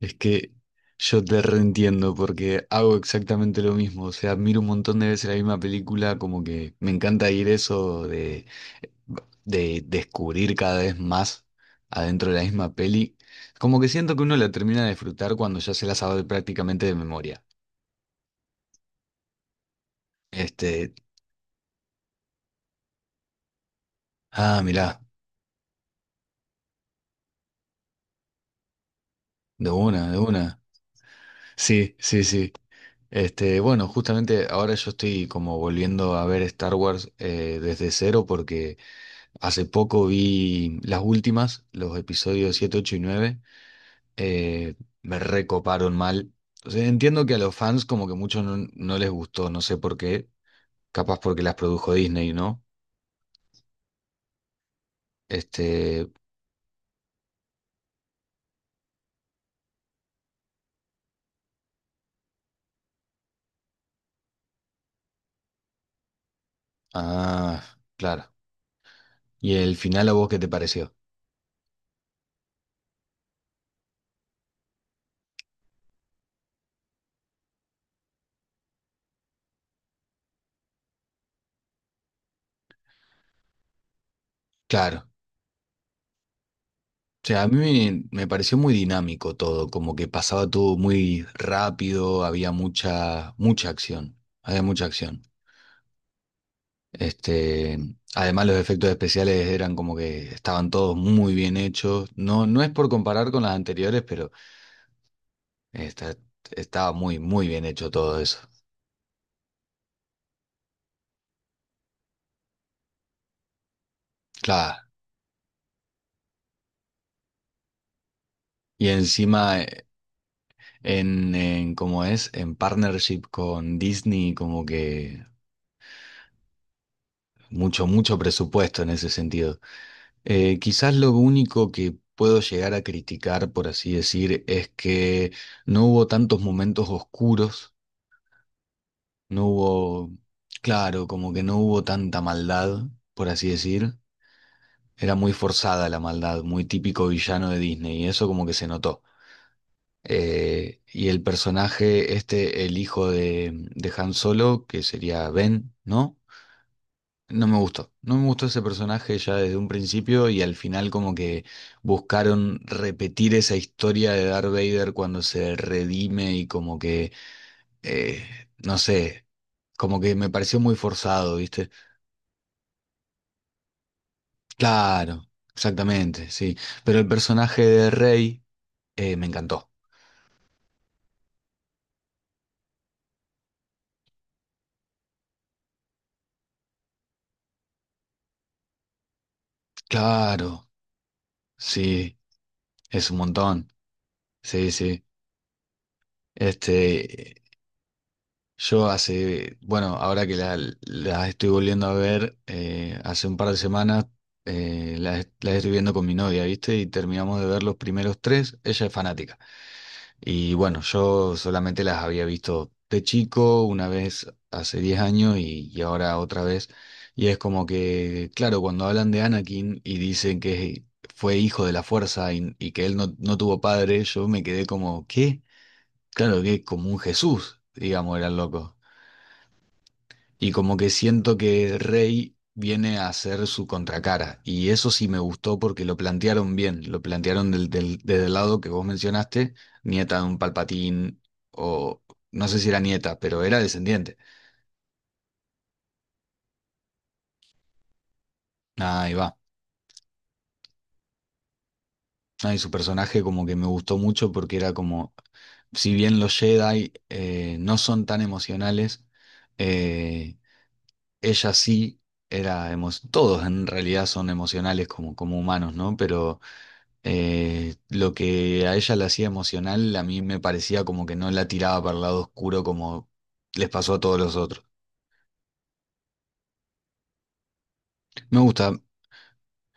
Es que yo te reentiendo porque hago exactamente lo mismo. O sea, miro un montón de veces la misma película, como que me encanta ir eso de descubrir cada vez más adentro de la misma peli. Como que siento que uno la termina de disfrutar cuando ya se la sabe prácticamente de memoria. Este, mirá, de una, de una. Sí, sí, sí. Bueno, justamente ahora yo estoy como volviendo a ver Star Wars desde cero porque hace poco vi las últimas, los episodios 7, 8 y 9. eh, Me recoparon mal. O sea, entiendo que a los fans como que mucho no les gustó, no sé por qué. Capaz porque las produjo Disney, ¿no? Este... Ah, claro. ¿Y el final a vos qué te pareció? Claro. O sea, a mí me pareció muy dinámico todo, como que pasaba todo muy rápido, había mucha, mucha acción. Había mucha acción. Este, además los efectos especiales eran como que estaban todos muy bien hechos. No, no es por comparar con las anteriores, pero esta- estaba muy, muy bien hecho todo eso. Claro. Y encima, en cómo es, en partnership con Disney, como que mucho, mucho presupuesto en ese sentido. Quizás lo único que puedo llegar a criticar, por así decir, es que no hubo tantos momentos oscuros. No hubo, claro, como que no hubo tanta maldad, por así decir. Era muy forzada la maldad, muy típico villano de Disney, y eso como que se notó. Y el personaje, este, el hijo de Han Solo, que sería Ben, ¿no? No me gustó. No me gustó ese personaje ya desde un principio y al final como que buscaron repetir esa historia de Darth Vader cuando se redime y como que, eh, no sé, como que me pareció muy forzado, ¿viste? Claro, exactamente, sí. Pero el personaje de Rey me encantó. Claro, sí, es un montón. Sí, sí. Este, yo hace, bueno, ahora que la estoy volviendo a ver, hace un par de semanas la estoy viendo con mi novia, ¿viste? Y terminamos de ver los primeros tres. Ella es fanática. Y bueno, yo solamente las había visto de chico, una vez hace 10 años y ahora otra vez. Y es como que, claro, cuando hablan de Anakin y dicen que fue hijo de la fuerza y que él no tuvo padre, yo me quedé como, ¿qué? Claro que como un Jesús, digamos, era el loco. Y como que siento que Rey viene a hacer su contracara. Y eso sí me gustó porque lo plantearon bien. Lo plantearon desde el lado que vos mencionaste, nieta de un Palpatín, o no sé si era nieta, pero era descendiente. Nah, ahí va. Ahí su personaje como que me gustó mucho porque era como, si bien los Jedi no son tan emocionales, eh, ella sí todos en realidad son emocionales como, como humanos, ¿no? Pero lo que a ella la hacía emocional, a mí me parecía como que no la tiraba para el lado oscuro como les pasó a todos los otros. Me gusta.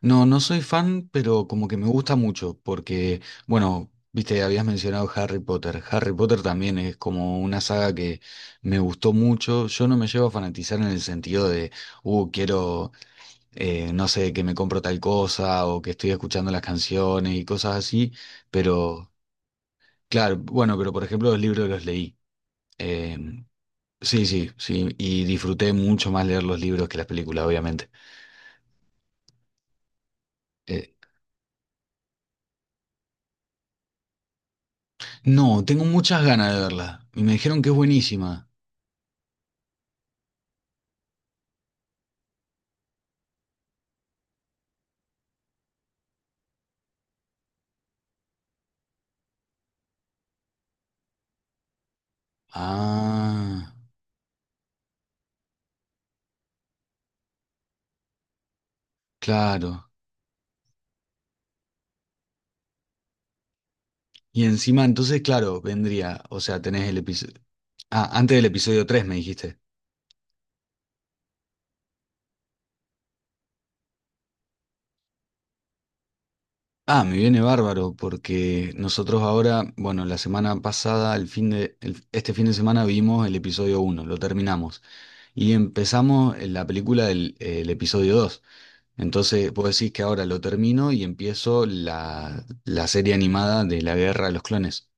No, no soy fan, pero como que me gusta mucho, porque, bueno, viste, habías mencionado Harry Potter. Harry Potter también es como una saga que me gustó mucho. Yo no me llevo a fanatizar en el sentido de, quiero, no sé, que me compro tal cosa o que estoy escuchando las canciones y cosas así, pero, claro, bueno, pero por ejemplo los libros los leí. Eh, sí, sí, sí. Y disfruté mucho más leer los libros que las películas, obviamente. Eh, no, tengo muchas ganas de verla. Y me dijeron que es buenísima. Ah, claro. Y encima, entonces, claro, vendría. O sea, tenés el episodio. Ah, antes del episodio 3 me dijiste. Ah, me viene bárbaro porque nosotros ahora, bueno, la semana pasada, el fin de, el- este fin de semana vimos el episodio 1, lo terminamos. Y empezamos en la película del el episodio 2. Entonces, puedo decir que ahora lo termino y empiezo la serie animada de la Guerra de los Clones.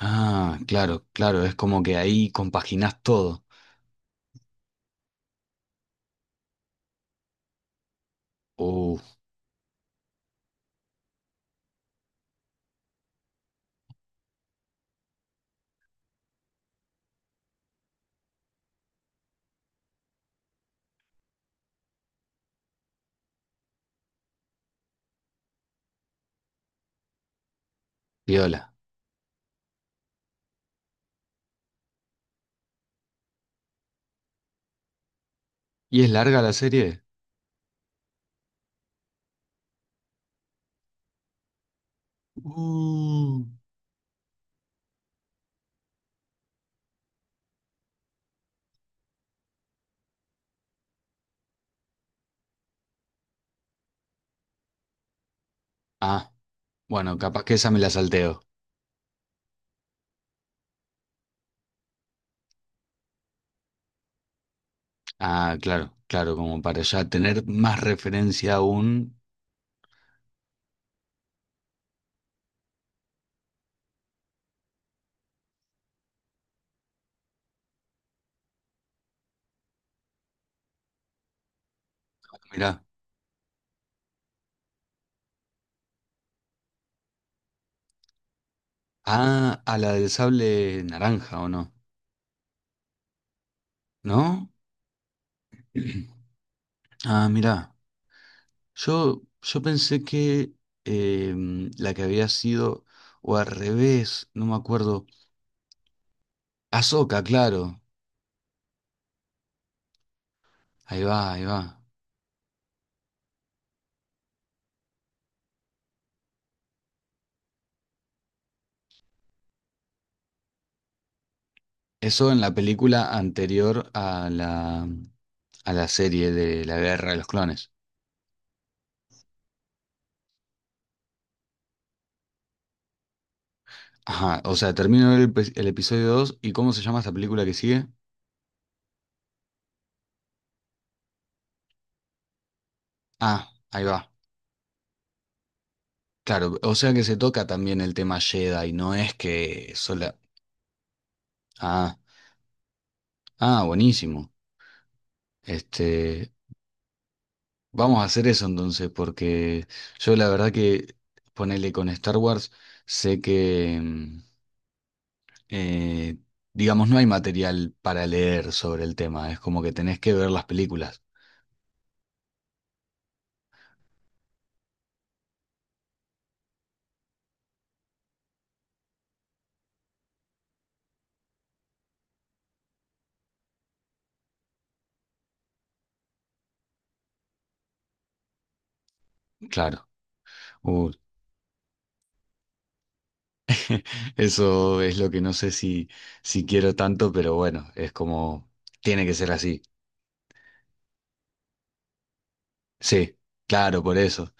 Ah, claro, claro, es como que ahí compaginás todo. Uh, viola. ¿Y es larga la serie? Uh. Ah, bueno, capaz que esa me la salteo. Ah, claro, claro, como para ya tener más referencia aún. Mirá. Ah, a la del sable naranja, ¿o no? ¿No? Ah, mirá. Yo pensé que la que había sido, o al revés, no me acuerdo. Ahsoka, claro. Ahí va, ahí va. Eso en la película anterior a a la serie de la Guerra de los Clones. Ajá, o sea, termino el episodio 2 y ¿cómo se llama esta película que sigue? Ah, ahí va. Claro, o sea que se toca también el tema Jedi, no es que sola... Ah, ah, buenísimo. Este, Vamos a hacer eso entonces, porque yo la verdad que ponele con Star Wars, sé que, eh, digamos, no hay material para leer sobre el tema, es como que tenés que ver las películas, claro. Uh, eso es lo que no sé si quiero tanto, pero bueno, es como, tiene que ser así. Sí, claro, por eso.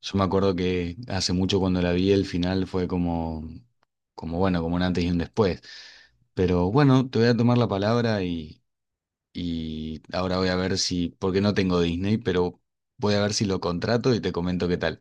Yo me acuerdo que hace mucho cuando la vi, el final fue como, como bueno, como un antes y un después. Pero bueno, te voy a tomar la palabra y ahora voy a ver si, porque no tengo Disney, pero voy a ver si lo contrato y te comento qué tal.